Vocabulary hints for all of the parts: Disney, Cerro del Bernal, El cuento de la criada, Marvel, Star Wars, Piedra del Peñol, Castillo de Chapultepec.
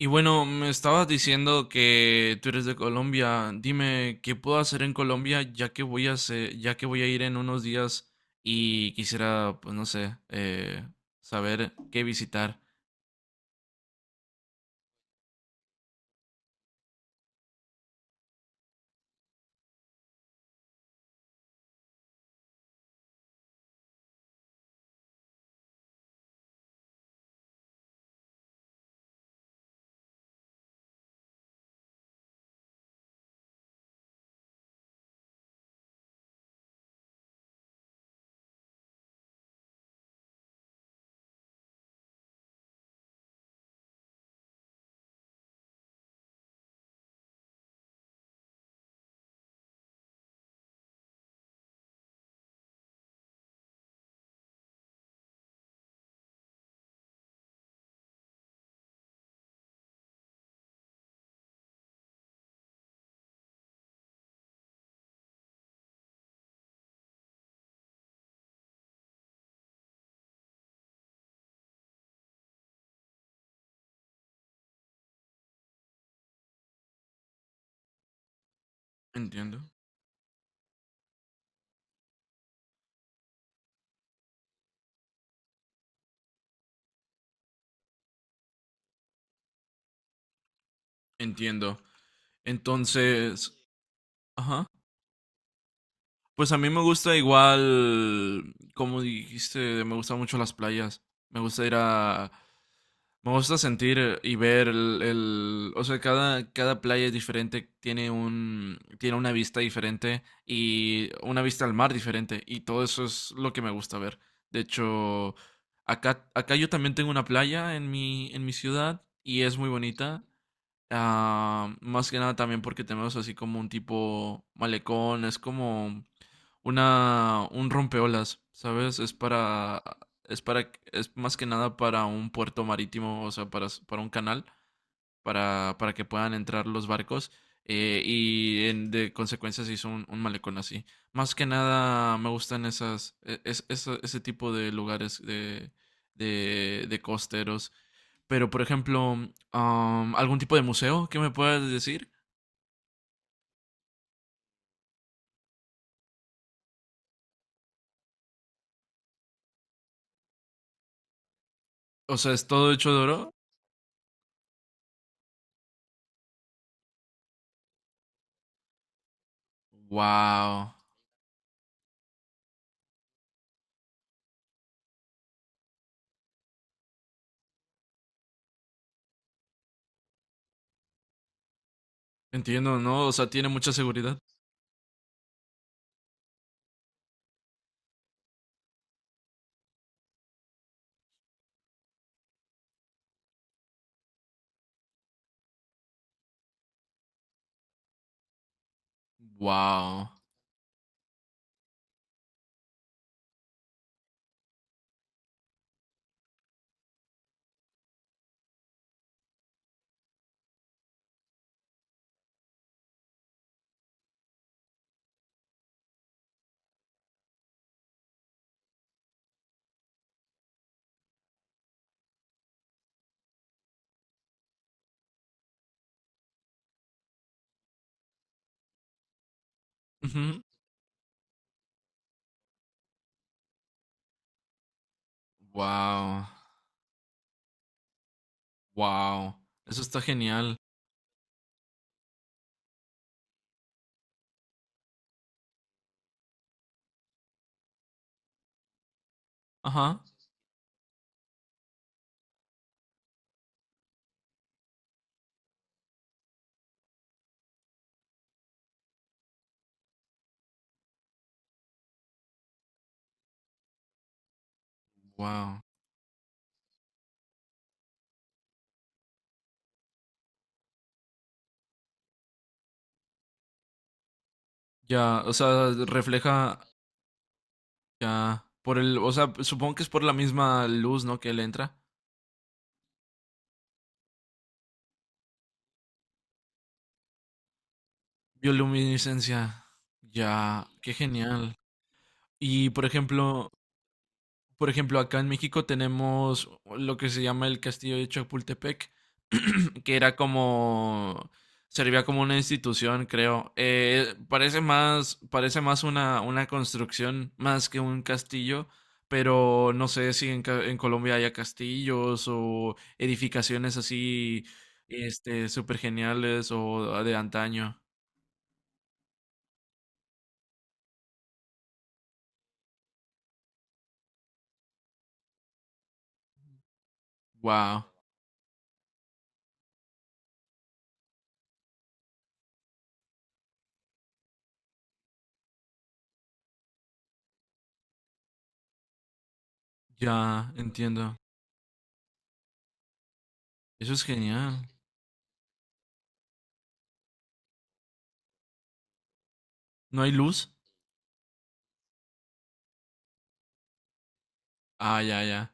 Y bueno, me estabas diciendo que tú eres de Colombia. Dime, ¿qué puedo hacer en Colombia ya que voy a ir en unos días y quisiera, pues no sé, saber qué visitar? Entiendo. Entiendo. Entonces, ajá. Pues a mí me gusta igual, como dijiste, me gustan mucho las playas. Me gusta ir a... Me gusta sentir y ver o sea, cada playa es diferente, tiene un, tiene una vista diferente y una vista al mar diferente y todo eso es lo que me gusta ver. De hecho, acá yo también tengo una playa en en mi ciudad y es muy bonita. Ah, más que nada también porque tenemos así como un tipo malecón, es como una un rompeolas, ¿sabes? Es más que nada para un puerto marítimo, o sea, para un canal para que puedan entrar los barcos y de consecuencia se hizo un malecón así. Más que nada me gustan esas e- es- esa- ese tipo de lugares de costeros. Pero por ejemplo, algún tipo de museo que me puedas decir? O sea, es todo hecho de oro. Wow. Entiendo, ¿no? O sea, tiene mucha seguridad. Wow. Ujú. Wow. Wow. Eso está genial. Ajá. Wow. Ya, o sea, refleja ya por el, o sea, supongo que es por la misma luz, ¿no? Que le entra. Bioluminiscencia. Ya, qué genial. Y por ejemplo, por ejemplo, acá en México tenemos lo que se llama el Castillo de Chapultepec, que era como... Servía como una institución, creo. Parece más una construcción más que un castillo, pero no sé si en Colombia haya castillos o edificaciones así, este, súper geniales o de antaño. Wow, ya entiendo. Eso es genial. ¿No hay luz? Ah, ya, ya,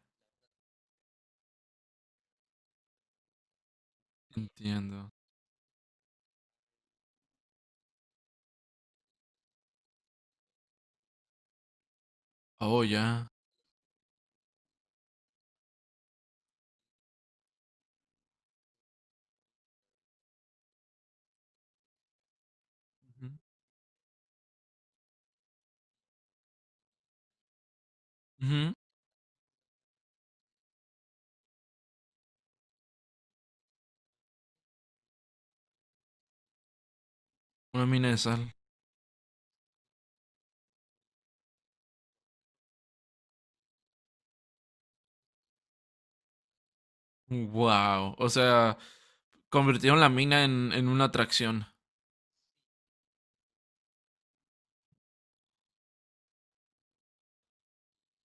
entiendo. Oh, ya. Ujú. Ujú. Una mina de sal. Wow. O sea, convirtieron la mina en una atracción.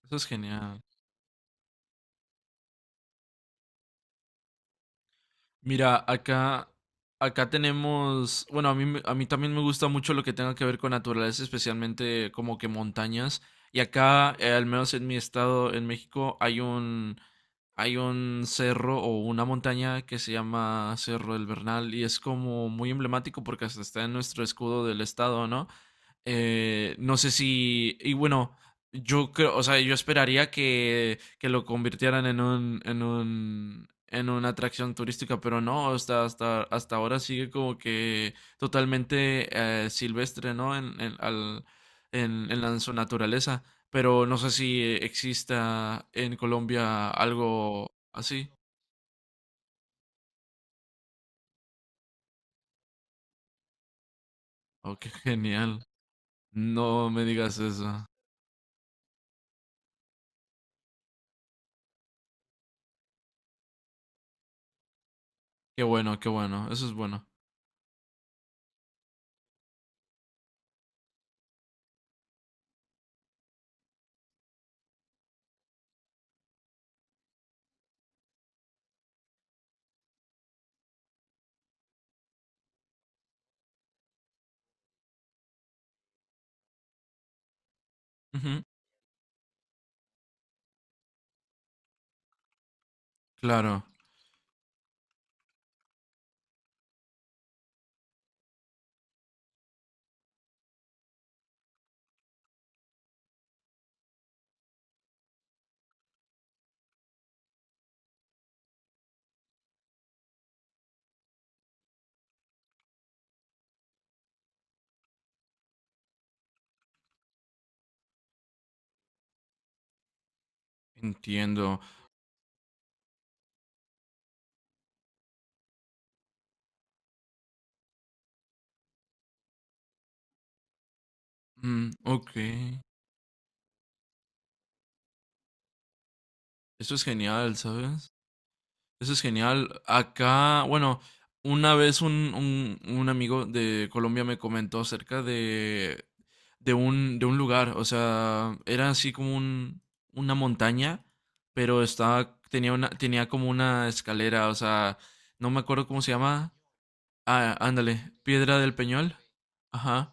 Eso es genial. Mira, acá, acá tenemos, bueno, a mí también me gusta mucho lo que tenga que ver con naturaleza, especialmente como que montañas. Y acá, al menos en mi estado, en México, hay un cerro o una montaña que se llama Cerro del Bernal y es como muy emblemático porque hasta está en nuestro escudo del estado, ¿no? No sé si. Y bueno, yo creo, o sea, yo esperaría que lo convirtieran en un, en un, en una atracción turística, pero no, hasta ahora sigue como que totalmente silvestre, ¿no? En en su naturaleza. Pero no sé si exista en Colombia algo así. Oh, qué genial. No me digas eso. Qué bueno, qué bueno. Eso es bueno. Ujú, claro, entiendo. Mm, ok. Eso es genial, ¿sabes? Eso es genial. Acá, bueno, una vez un amigo de Colombia me comentó acerca de, de un lugar. O sea, era así como un, una montaña, pero estaba, tenía una, tenía como una escalera. O sea, no me acuerdo cómo se llama. Ah, ándale, Piedra del Peñol. Ajá.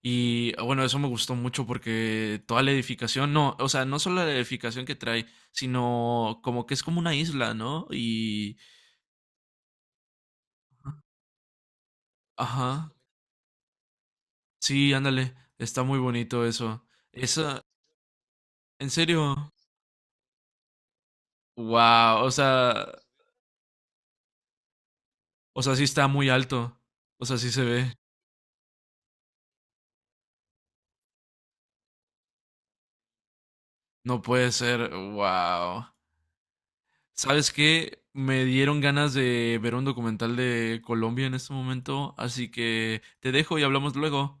Y bueno, eso me gustó mucho porque toda la edificación, no, o sea, no solo la edificación que trae, sino como que es como una isla, ¿no? Y, ajá, sí, ándale, está muy bonito eso. Esa, en serio, wow, o sea, sí está muy alto, o sea, sí se ve, no puede ser, wow. ¿Sabes qué? Me dieron ganas de ver un documental de Colombia en este momento, así que te dejo y hablamos luego.